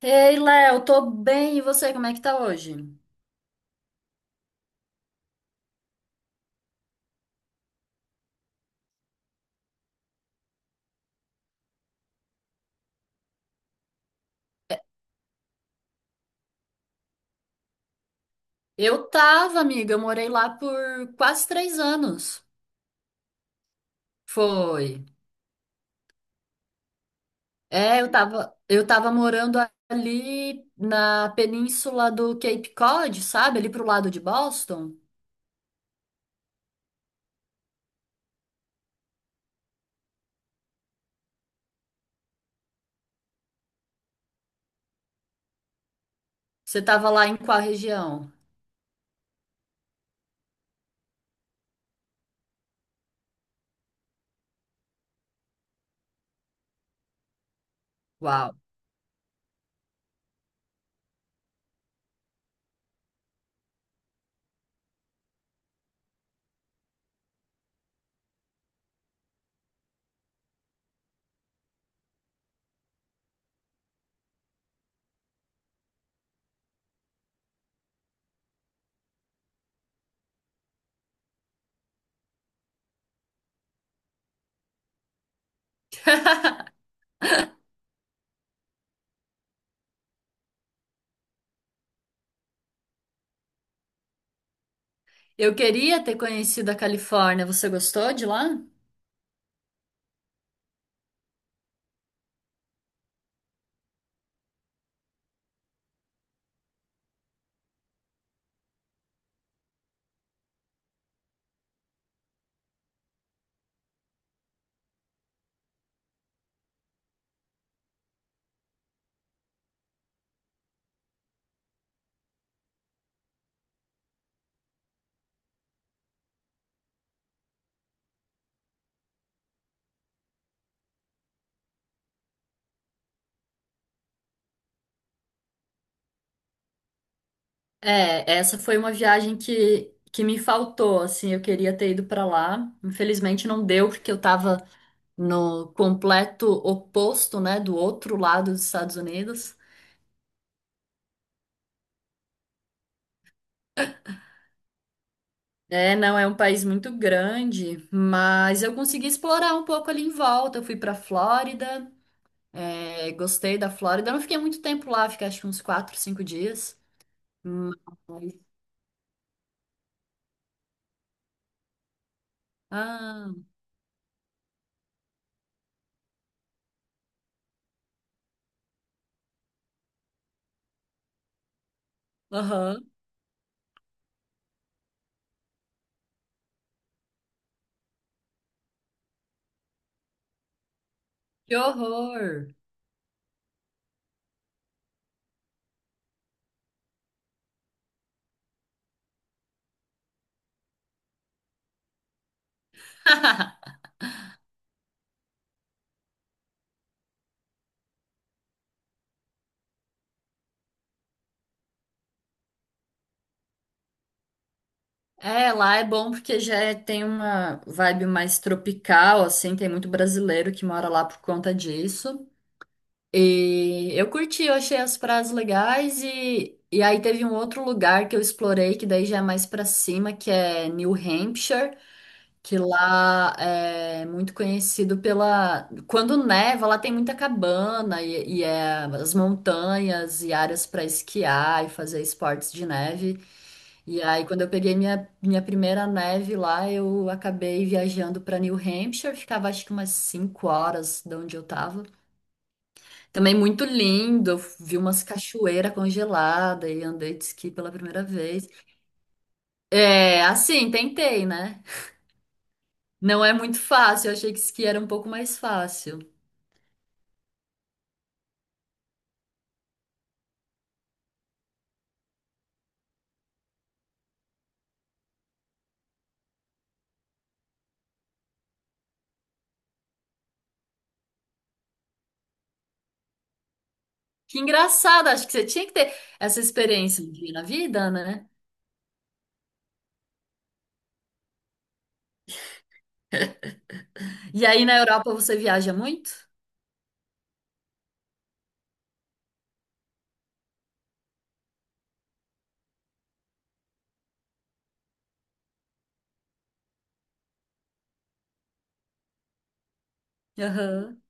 Ei, Léo, tô bem, e você, como é que tá hoje? Eu tava, amiga, eu morei lá por quase 3 anos. Foi. É, eu tava morando ali na península do Cape Cod, sabe? Ali pro lado de Boston. Você tava lá em qual região? Uau. Eu queria ter conhecido a Califórnia. Você gostou de lá? É, essa foi uma viagem que me faltou, assim, eu queria ter ido pra lá. Infelizmente não deu, porque eu tava no completo oposto, né, do outro lado dos Estados Unidos. É, não é um país muito grande, mas eu consegui explorar um pouco ali em volta. Eu fui para Flórida, é, gostei da Flórida. Eu não fiquei muito tempo lá, fiquei acho que uns quatro, cinco dias. Mas... Ah, aham. Que horror! É, lá é bom porque tem uma vibe mais tropical, assim, tem muito brasileiro que mora lá por conta disso. E eu curti, eu achei as praias legais e aí teve um outro lugar que eu explorei, que daí já é mais pra cima, que é New Hampshire, que lá é muito conhecido pela... Quando neva, lá tem muita cabana e, é as montanhas e áreas pra esquiar e fazer esportes de neve. E aí, quando eu peguei minha primeira neve lá, eu acabei viajando pra New Hampshire, ficava acho que umas 5 horas de onde eu tava. Também muito lindo, eu vi umas cachoeiras congeladas e andei de esqui pela primeira vez. É, assim, tentei, né? Não é muito fácil, eu achei que esqui era um pouco mais fácil. Que engraçado, acho que você tinha que ter essa experiência um dia na vida, né? E aí na Europa você viaja muito? Aham.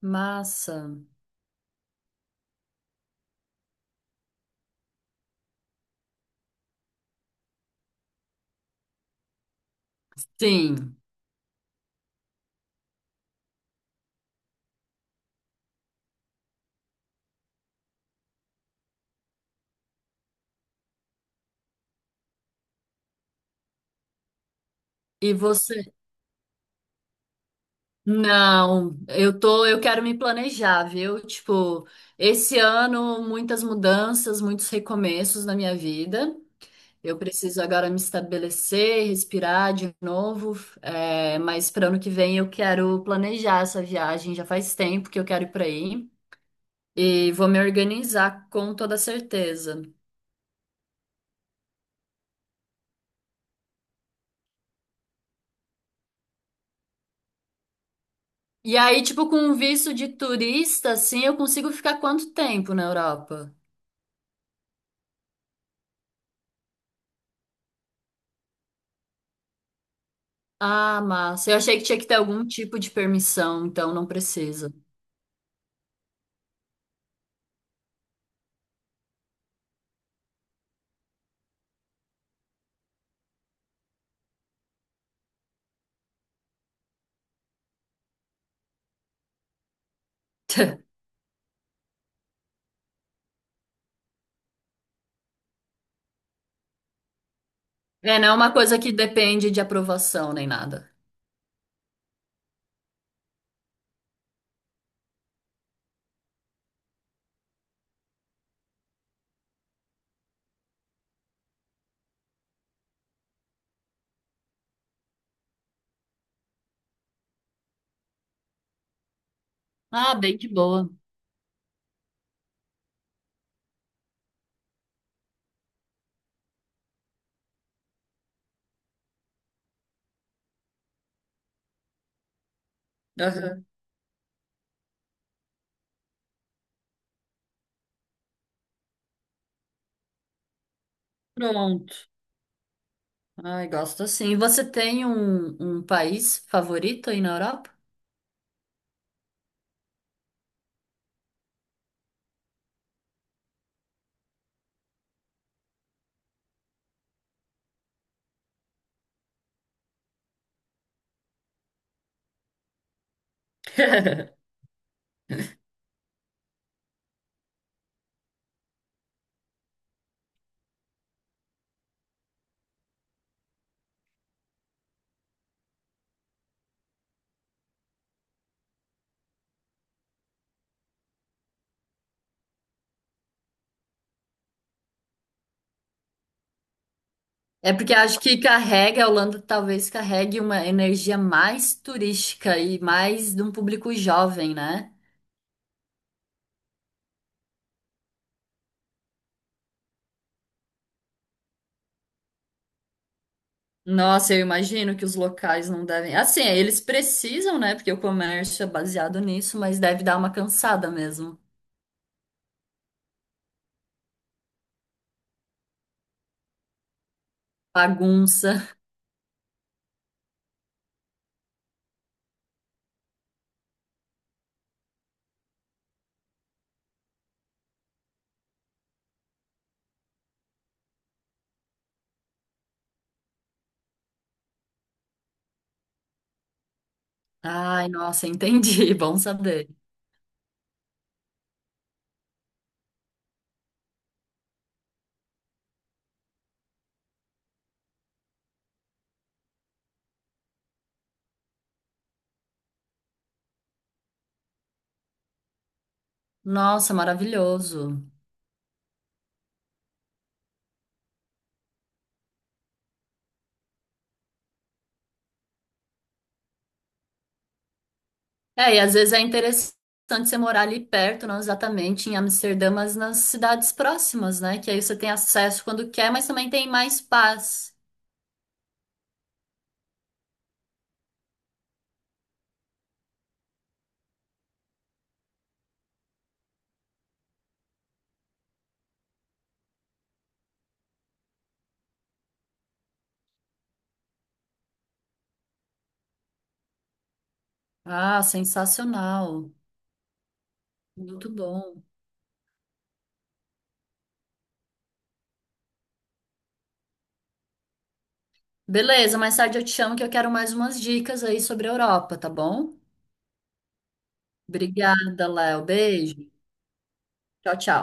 Massa. Sim. E você? Não, eu tô, eu quero me planejar, viu? Tipo, esse ano muitas mudanças, muitos recomeços na minha vida. Eu preciso agora me estabelecer, respirar de novo, é, mas para ano que vem eu quero planejar essa viagem. Já faz tempo que eu quero ir para aí e vou me organizar com toda certeza. E aí, tipo, com um visto de turista, assim, eu consigo ficar quanto tempo na Europa? Ah, massa. Eu achei que tinha que ter algum tipo de permissão, então não precisa. É, não é uma coisa que depende de aprovação nem nada. Ah, bem de boa. Aham. Pronto. Ai, gosto sim. E você tem um país favorito aí na Europa? É porque acho que carrega, a Holanda talvez carregue uma energia mais turística e mais de um público jovem, né? Nossa, eu imagino que os locais não devem. Assim, eles precisam, né? Porque o comércio é baseado nisso, mas deve dar uma cansada mesmo. Bagunça. Ai, nossa, entendi. Bom saber. Nossa, maravilhoso. É, e às vezes é interessante você morar ali perto, não exatamente em Amsterdã, mas nas cidades próximas, né? Que aí você tem acesso quando quer, mas também tem mais paz. Ah, sensacional. Muito bom. Beleza, mais tarde eu te chamo que eu quero mais umas dicas aí sobre a Europa, tá bom? Obrigada, Léo. Beijo. Tchau, tchau.